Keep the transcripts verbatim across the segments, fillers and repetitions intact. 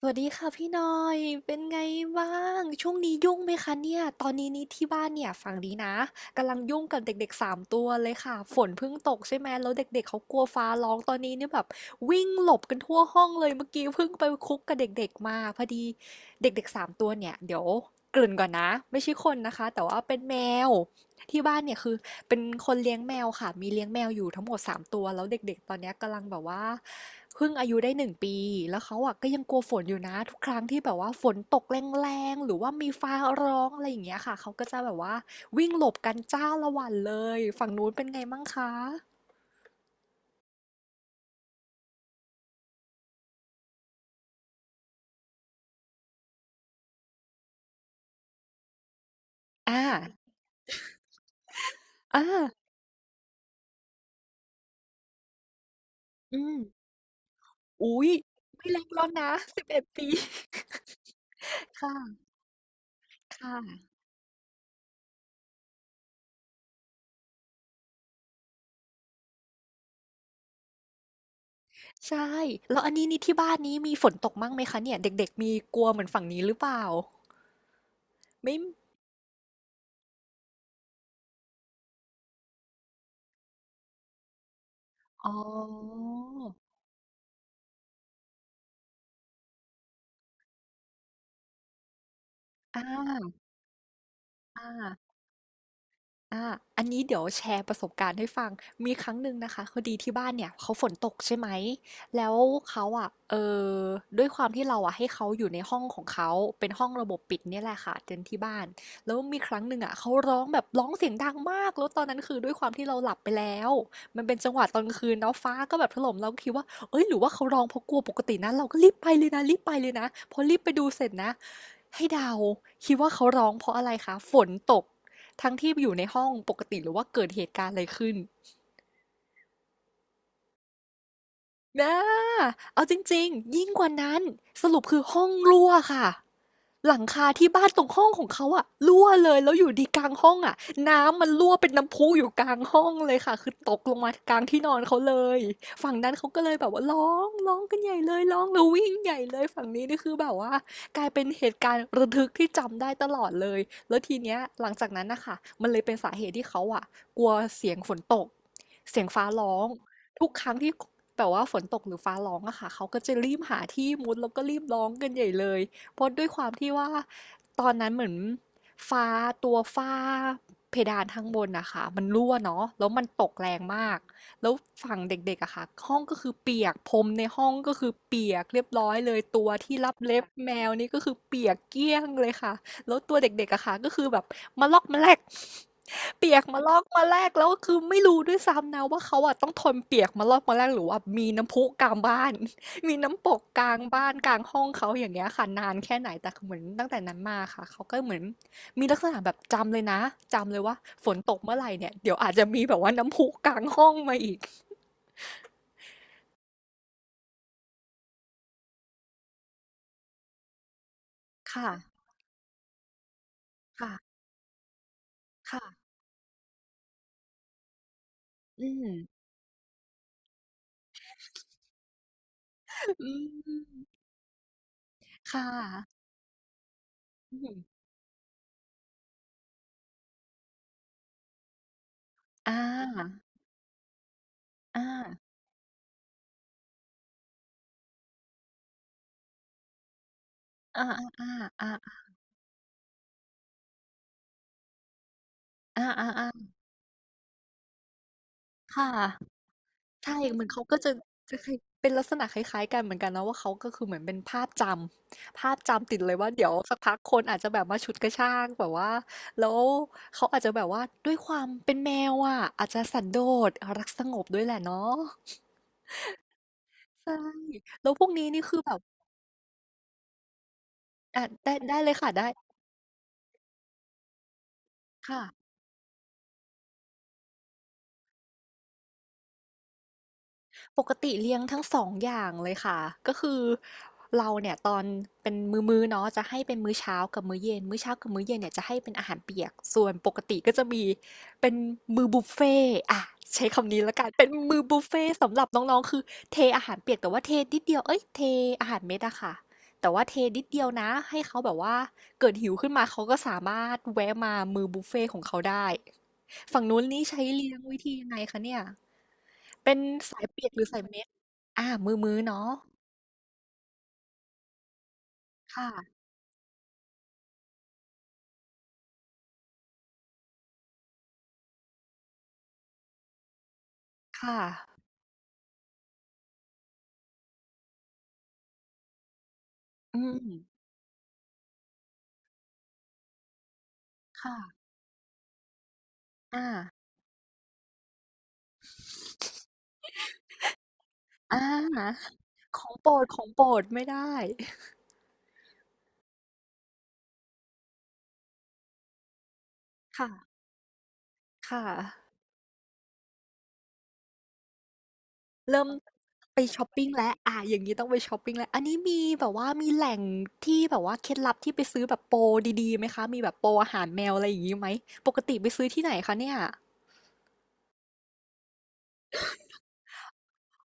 สวัสดีค่ะพี่หนอยเป็นไงบ้าง ช่วงนี้ยุ่งไหมคะเนี่ย ตอนนี้นี่ที่บ้านเนี่ยฝั่งนี้นะกำลังยุ่งกับเด็กๆสามตัวเลยค่ะฝนเพิ่งตกใช่ไหมแล้วเด็กๆเขากลัวฟ้าร้องตอนนี้เนี่ยแบบวิ่งหลบกันทั่วห้องเลยเมื่อกี้เพิ่งไปคุกกับเด็กๆมาพอดีเด็กๆสามตัวเนี่ยเดี๋ยวเกริ่นก่อนนะไม่ใช่คนนะคะแต่ว่าเป็นแมวที่บ้านเนี่ยคือเป็นคนเลี้ยงแมวค่ะมีเลี้ยงแมวอยู่ทั้งหมดสามตัวแล้วเด็กๆตอนเนี้ยกำลังแบบว่า เพิ่งอายุได้หนึ่งปีแล้วเขาอะก็ยังกลัวฝนอยู่นะทุกครั้งที่แบบว่าฝนตกแรงๆหรือว่ามีฟ้าร้องอะไรอย่างเงี้ยค่ะเขาก็จะแบบว่าวิ่งหลบกันจ้าละวันเลยฝั่งนู้นเป็นไงมั่งคะอ่าอ่าอืมอุ๊ยไม่เล็กแล้วนะสิบเอ็ดปี ค่ะค่ะใช่แล้วอันนี้นี่ที่บ้านนี้มีฝนตกมั่งไหมคะเนี่ยเด็กๆมีกลัวเหมือนฝั่งนี้หรือเปล่าไม่อ๋ออ่าอ่า อาอันนี้เดี๋ยวแชร์ประสบการณ์ให้ฟัง มีครั้งหนึ่งนะคะพอดีที่บ้านเนี่ยเขาฝนตกใช่ไหม แล้วเขาอ่ะเอ่อด้วยความที่เราอะให้เขาอยู่ในห้องของเขา เป็นห้องระบบปิดเนี่ยแหละค่ะเต็นท์ที่บ้านแล้วมีครั้งหนึ่งอะเขาร้องแบบร้องเสียงดังมากแล้วตอนนั้นคือด้วยความที่เราหลับไปแล้วมันเป็นจังหวะตอนกลางคืนเนาะฟ้าก็แบบถล่มเราก็คิดว่าเอ้ยหรือว่าเขาร้องเพราะกลัวปกตินะเราก็รีบไปเลยนะรีบไปเลยนะพอรีบไปดูเสร็จนะให้เดาคิดว่าเขาร้องเพราะอะไรคะฝนตก ทั้งที่อยู่ในห้องปกติหรือว่าเกิดเหตุการณ์อะไรขึ้น อะเอาจริงๆยิ่งกว่านั้นสรุปคือห้องรั่วค่ะหลังคาที่บ้านตรงห้องของเขาอะรั่วเลยแล้วอยู่ดีกลางห้องอะน้ำมันรั่วเป็นน้ำพุอยู่กลางห้องเลยค่ะคือตกลงมากลางที่นอนเขาเลยฝั่งนั้นเขาก็เลยแบบว่าร้องร้องกันใหญ่เลยร้องแล้ววิ่งใหญ่เลยฝั่งนี้นี่คือแบบว่ากลายเป็นเหตุการณ์ระทึกที่จำได้ตลอดเลยแล้วทีเนี้ยหลังจากนั้นนะคะมันเลยเป็นสาเหตุที่เขาอะกลัวเสียงฝนตกเสียงฟ้าร้อง ทุกครั้งที่แบบว่าฝนตกหรือฟ้าร้องอะค่ะเขาก็จะรีบหาที่มุดแล้วก็รีบร้องกันใหญ่เลยเพราะด้วยความที่ว่าตอนนั้นเหมือนฟ้าตัวฟ้าเพดานข้างบนนะคะมันรั่วเนาะแล้วมันตกแรงมากแล้วฝั่งเด็กๆอะค่ะห้องก็คือเปียกพรมในห้องก็คือเปียกเรียบร้อยเลยตัวที่รับเล็บแมวนี่ก็คือเปียกเกลี้ยงเลยค่ะ แล้วตัวเด็กๆอะค่ะก็คือแบบมาลอกมาแลก เปียกมาลอกมาแลกแล้วก็คือไม่รู้ด้วยซ้ำนะว่าเขาอะต้องทนเปียกมาลอกมาแลกหรือว่ามีน้ำพุกลางบ้าน มีน้ำปกกลางบ้านกลางห้องเขาอย่างเงี้ยค่ะนานแค่ไหนแต่เหมือนตั้งแต่นั้นมาค่ะเขาก็เหมือนมีลักษณะแบบจำเลยนะจำเลยว่าฝนตกเมื่อไหร่เนี่ยเดี๋ยวอาจจะมีแบบว่าน้ำพุกลางห้องมาอีกค่ะค่ะค่ะอืมอืมค่ะอืมอาอาอาอ่าอ่า อาๆๆค่ะใช่เหมือนเขาก็จะจะคล้ายเป็นลักษณะคล้ายๆกันเหมือนกันเนาะว่าเขาก็คือเหมือนเป็นภาพจำภาพจำติดเลยว่าเดี๋ยวสักพักคนอาจจะแบบมาฉุดกระชากแบบว่าแล้วเขาอาจจะแบบว่าด้วยความเป็นแมวอะอาจจะสันโดษรักสงบด้วยแหละเนาะใช่แล้วพวกนี้นี่คือแบบอาได้ได้เลยค่ะได้ค่ะ ปกติเลี้ยงทั้งสององอย่างเลยค่ะก็คือเราเนี่ยตอนเป็นมื้อๆเนาะจะให้เป็นมื้อเช้ากับมื้อเย็นมื้อเช้ากับมื้อเย็นเนี่ยจะให้เป็นอาหารเปียกส่วนปกติก็จะมีเป็นมื้อบุฟเฟ่ต์อ่ะใช้คำนี้แล้วกันเป็นมื้อบุฟเฟ่ต์สำหรับน้องๆคือเทอาหารเปียกแต่ว่าเทนิดเดียวเอ้ยเทอาหารเม็ดอะค่ะแต่ว่าเทนิดเดียวนะให้เขาแบบว่าเกิดหิวขึ้นมาเขาก็สามารถแวะมามื้อบุฟเฟ่ต์ของเขาได้ ฝั่งนู้นนี่ใช้เลี้ยงวิธียังไงคะเนี่ย เป็นสายเปียกหรือสายเม็ดอ่ามืือๆเนาะค่ะค่ะอืมค่ะอาอาของโปรดของโปรดไม่ได้ค่ะค่ะเริ่มไปชอปปิงแล้วอาอย่างงี้ต้องไปชอปปิงแล้วอันนี้มีแบบว่ามีแหล่งที่แบบว่าเคล็ดลับที่ไปซื้อแบบโปรดีๆไหมคะมีแบบโปรอาหารแมวอะไรอย่างงี้ไหม ปกติไปซื้อที่ไหนคะเนี่ย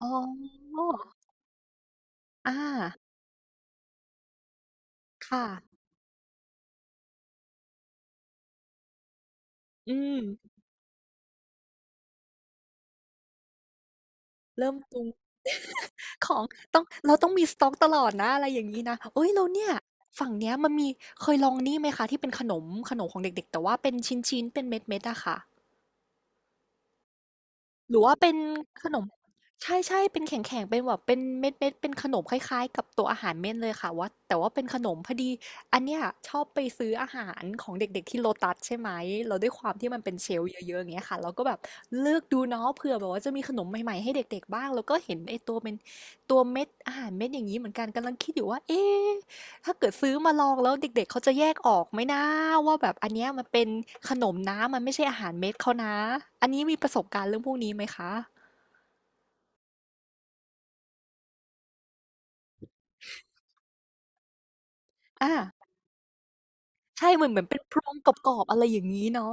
อ๋ออาค่ะอืม เริ่มตุงของต้องเราต้องมีสต๊อกตลอดนะอะไรอย่างงี้นะเฮ้ยแล้วเนี่ยฝั่งเนี้ยมันมีเคยลองนี่ไหมคะที่เป็นขนมขนมของเด็กๆแต่ว่าเป็นชิ้นๆเป็นเม็ดๆอะค่ะ หรือว่าเป็นขนมใช่ๆเป็นแข็งๆเป็นแบบเป็นเม็ดเม็ดเป็นขนมคล้ายๆกับตัวอาหารเม่นเลยค่ะว่าแต่ว่าเป็นขนมพอดีอันเนี้ยชอบไปซื้ออาหารของเด็กๆที่โ โอ ที ยู เอส ใช่ไหมเราด้วยความที่มันเป็นเชลล์เยอะๆอย่างเงี้ยค่ะเราก็แบบเลือกดูเนาะเผื่อแบบว่าจะมีขนมใหม่ๆให้เด็กๆบ้างแล้วก็เห็นไอ้ตัวเป็นตัวเม็ดอาหารเม็ดอย่างนี้เหมือนกันกำลังคิดอยู่ว่าเอ๊ะ ถ้าเกิดซื้อมาลองแล้วเด็กๆเขาจะแยกออกไหมนะว่าแบบอันเนี้ยมันเป็นขนมนะมันไม่ใช่อาหารเม็ดเขานะอันนี้มีประสบการณ์เรื่องพวกนี้ไหมคะอาใช่เหมือนเหมือนเป็นโพรงกรอบๆอะไรอย่างงี้เนาะ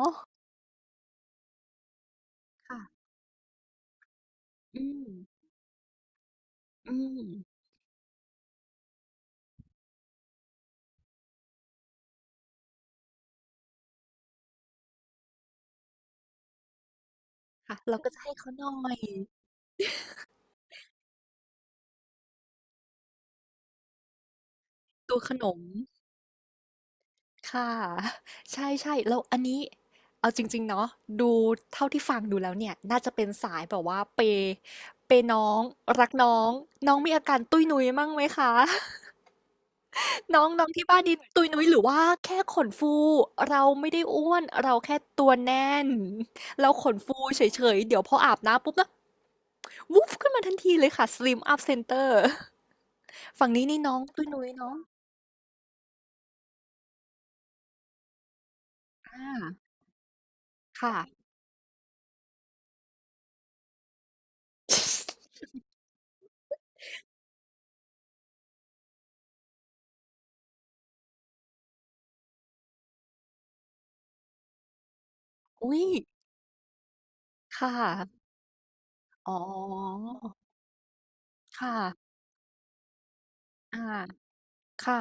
ค่ะอืมอืมค่ะเราก็จะให้เขาหน่อยตัวขนมค่ะ ใช่ๆแล้วอันนี้เอาจริงๆเนาะดูเท่าที่ฟังดูแล้วเนี่ยน่าจะเป็นสายแบบว่าเปย์เปย์น้องรักน้องน้องมีอาการตุ้ยนุ้ยมั่งไหมคะ น้องน้องที่บ้านนี้ตุยนุ้ยหรือว่าแค่ขนฟูเราไม่ได้อ้วนเราแค่ตัวแน่นเราขนฟูเฉยๆเดี๋ยวพออาบน้ำปุ๊บนะวุบขึ้นมาทันทีเลยค่ะ สลิม อัพ เซ็นเตอร์ ฝั่งนี้นี่น้องตุ้ยนุ้ยเนาะอาค่ะอุ๊ยค่ะอ๋อค่ะอาค่ะ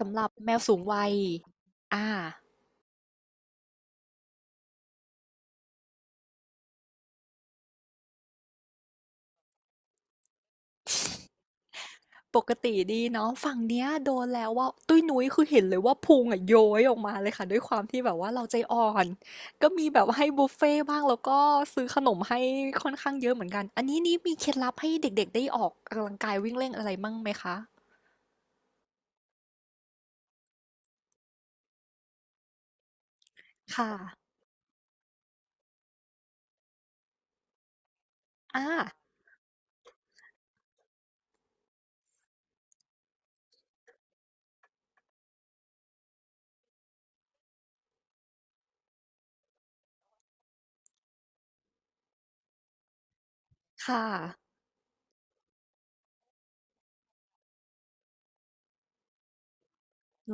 สำหรับแมวสูงวัยอา ปกติดีเนาะฝั่งเนี้ยโดนแล้วว่าตุ้ยนุ้ยคือเห็นเลยว่าพุงอะโย้ยออกมาเลยค่ะด้วยความที่แบบว่าเราใจอ่อนก็มีแบบว่าให้บุฟเฟ่ต์บ้างแล้วก็ซื้อขนมให้ค่อนข้างเยอะเหมือนกันอันนี้นี่มีเคล็ดลับให้เด็กๆได้ออกกำลังกายวิ่งเล่นอะไรมั่งไหมคะค่ะอ่าค่ะ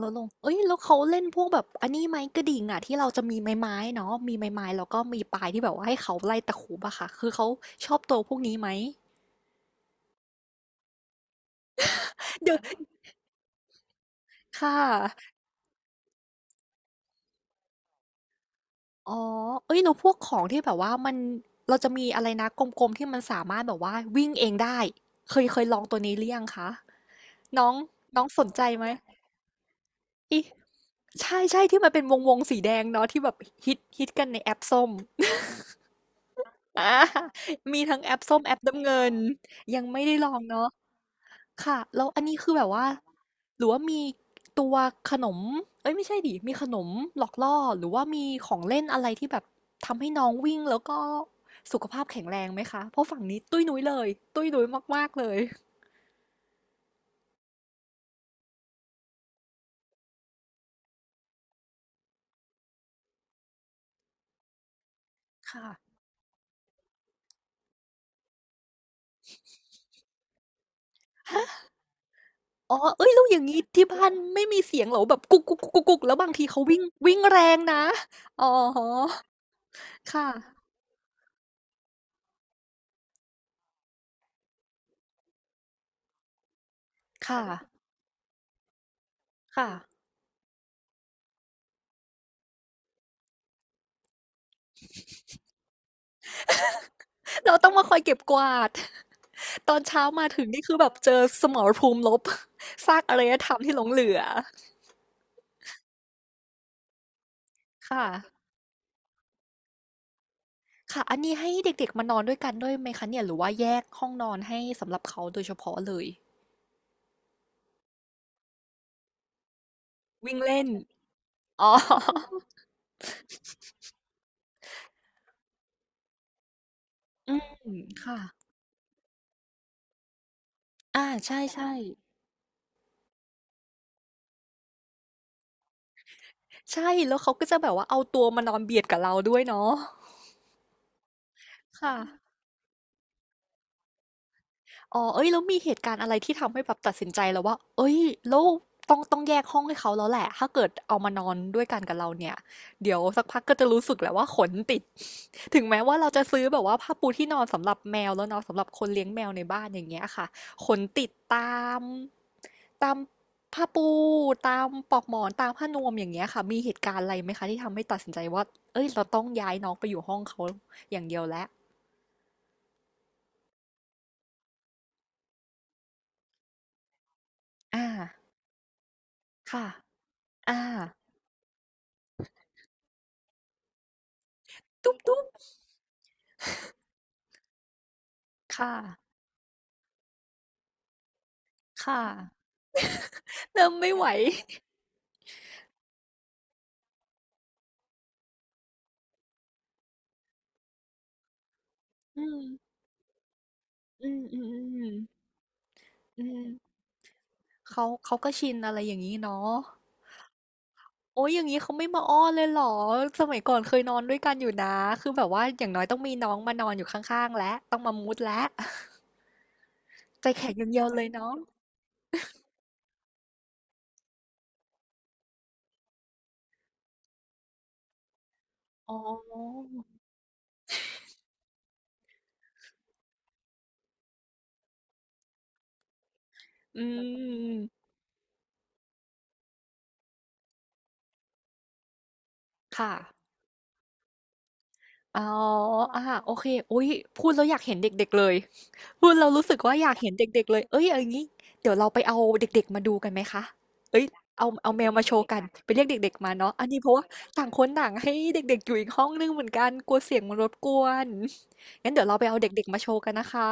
ลดลงเอ้ยแล้วเขาเล่นพวกแบบอันนี้ไหมกระดิ่งอะที่เราจะมีไม้ไม้เนาะมีไม้ไม้แล้วก็มีปลายที่แบบว่าให้เขาไล่ตะขูบอะค่ะคือเขาชอบตัวพวกนี้ไหมเดี๋ยวค่ะ อ๋อเอ้ยแล้วพวกของที่แบบว่ามัน เราจะมีอะไรนะกลมๆที่มันสามารถแบบว่าวิ่งเองได้ เคยเคยลองตัวนี้หรือยังคะน้องน้องสนใจไหมอิใช่ๆที่มันเป็นวงๆสีแดงเนาะที่แบบฮิตฮิตกันในแอปส้ม อามีทั้งแอปส้มแอปน้ำเงินยังไม่ได้ลองเนาะ ค่ะแล้วอันนี้คือแบบว่าหรือว่ามีตัวขนมเอ้ยไม่ใช่ดิมีขนมหลอกล่อหรือว่ามีของเล่นอะไรที่แบบทำให้น้องวิ่งแล้วก็สุขภาพแข็งแรงไหมคะเพราะฝั่งนี้ตุ้ยนุ้ยเลยตุ้ยนุ้ยมากๆเลยค่ะ อ๋อเอ้ยแล้วอย่างนี้ที่บ้านไม่มีเสียงเหรอแบบกุกกุกกุกกุกกุกแล้วบางทีเขาวิ่งวิ่งแรงนะอ๋อค่ะค่ะค่ะ เราต้องมาคอยเก็บกวาด ตอนเช้ามาถึงนี่คือแบบเจอสมรภูมิลบ ซากอารยธรรมที่หลงเหลือค่ะค่ะอันนี้ให้เด็กๆมานอนด้วยกันด้วยไหมคะเนี่ยหรือว่าแยกห้องนอนให้สำหรับเขาโดยเฉพาะเลย วิ่งเล่น อ๋อ อืมค่ะอ่าใช่ใช่ใช่แล้วเขาก็จะแบบว่าเอาตัวมานอนเบียดกับเราด้วยเนาะค่ะ อ๋อเอ้ยแล้วมีเหตุการณ์อะไรที่ทำให้แบบตัดสินใจแล้วว่าเอ้ยแล้วต้องต้องแยกห้องให้เขาแล้วแหละถ้าเกิดเอามานอนด้วยกันกับเราเนี่ยเดี๋ยวสักพักก็จะรู้สึกแหละว่าขนติด ถึงแม้ว่าเราจะซื้อแบบว่าผ้าปูที่นอนสำหรับแมวแล้วเนาะสำหรับคนเลี้ยงแมวในบ้านอย่างเงี้ยค่ะขนติดตามตามผ้าปูตามปลอกหมอนตามผ้านวมอย่างเงี้ยค่ะมีเหตุการณ์อะไรไหมคะที่ทำให้ตัดสินใจว่าเอ้ยเราต้องย้ายน้องไปอยู่ห้องเขาอย่างเดียวแล้วอ่าค่ะอ่าตุ๊บตุ๊บ ค่ะค่ะเริ่มไม่ไหวอืมอืมอืมอมอืมเขาเขาก็ชินอะไรอย่างงี้เนาะโอ๊ยอย่างงี้เขาไม่มาอ้อนเลยเหรอสมัยก่อนเคยนอนด้วยกันอยู่นะคือแบบว่าอย่างน้อยต้องมีน้องมานอนอยู่ข้างๆแล้วต้องมามูดแล้วใจแข็งอย่างเดียวเลยเนาะอ๋ออืมค่ะ อ๋ออาโอเคอุ๊ยพูดแล้วอยากเห็นเด็กๆเลย พูดแล้วรู้สึกว่าอยากเห็นเด็กๆ เลยเอ้ยเอาอย่างงี้เดี๋ยวเราไปเอาเด็กๆ มาดูกันไหมคะเอ้ยเอาเอาแมวมาโชว์กันไปเรียกเด็กๆมาเนาะอันนี้เพราะว่าต่างคนต่างให้เด็กๆ อยู่อีกห้องหนึ่งเหมือนกันกลัวเสียงมันรบกวนงั้นเดี๋ยวเราไปเอาเด็กๆมาโชว์กันนะคะ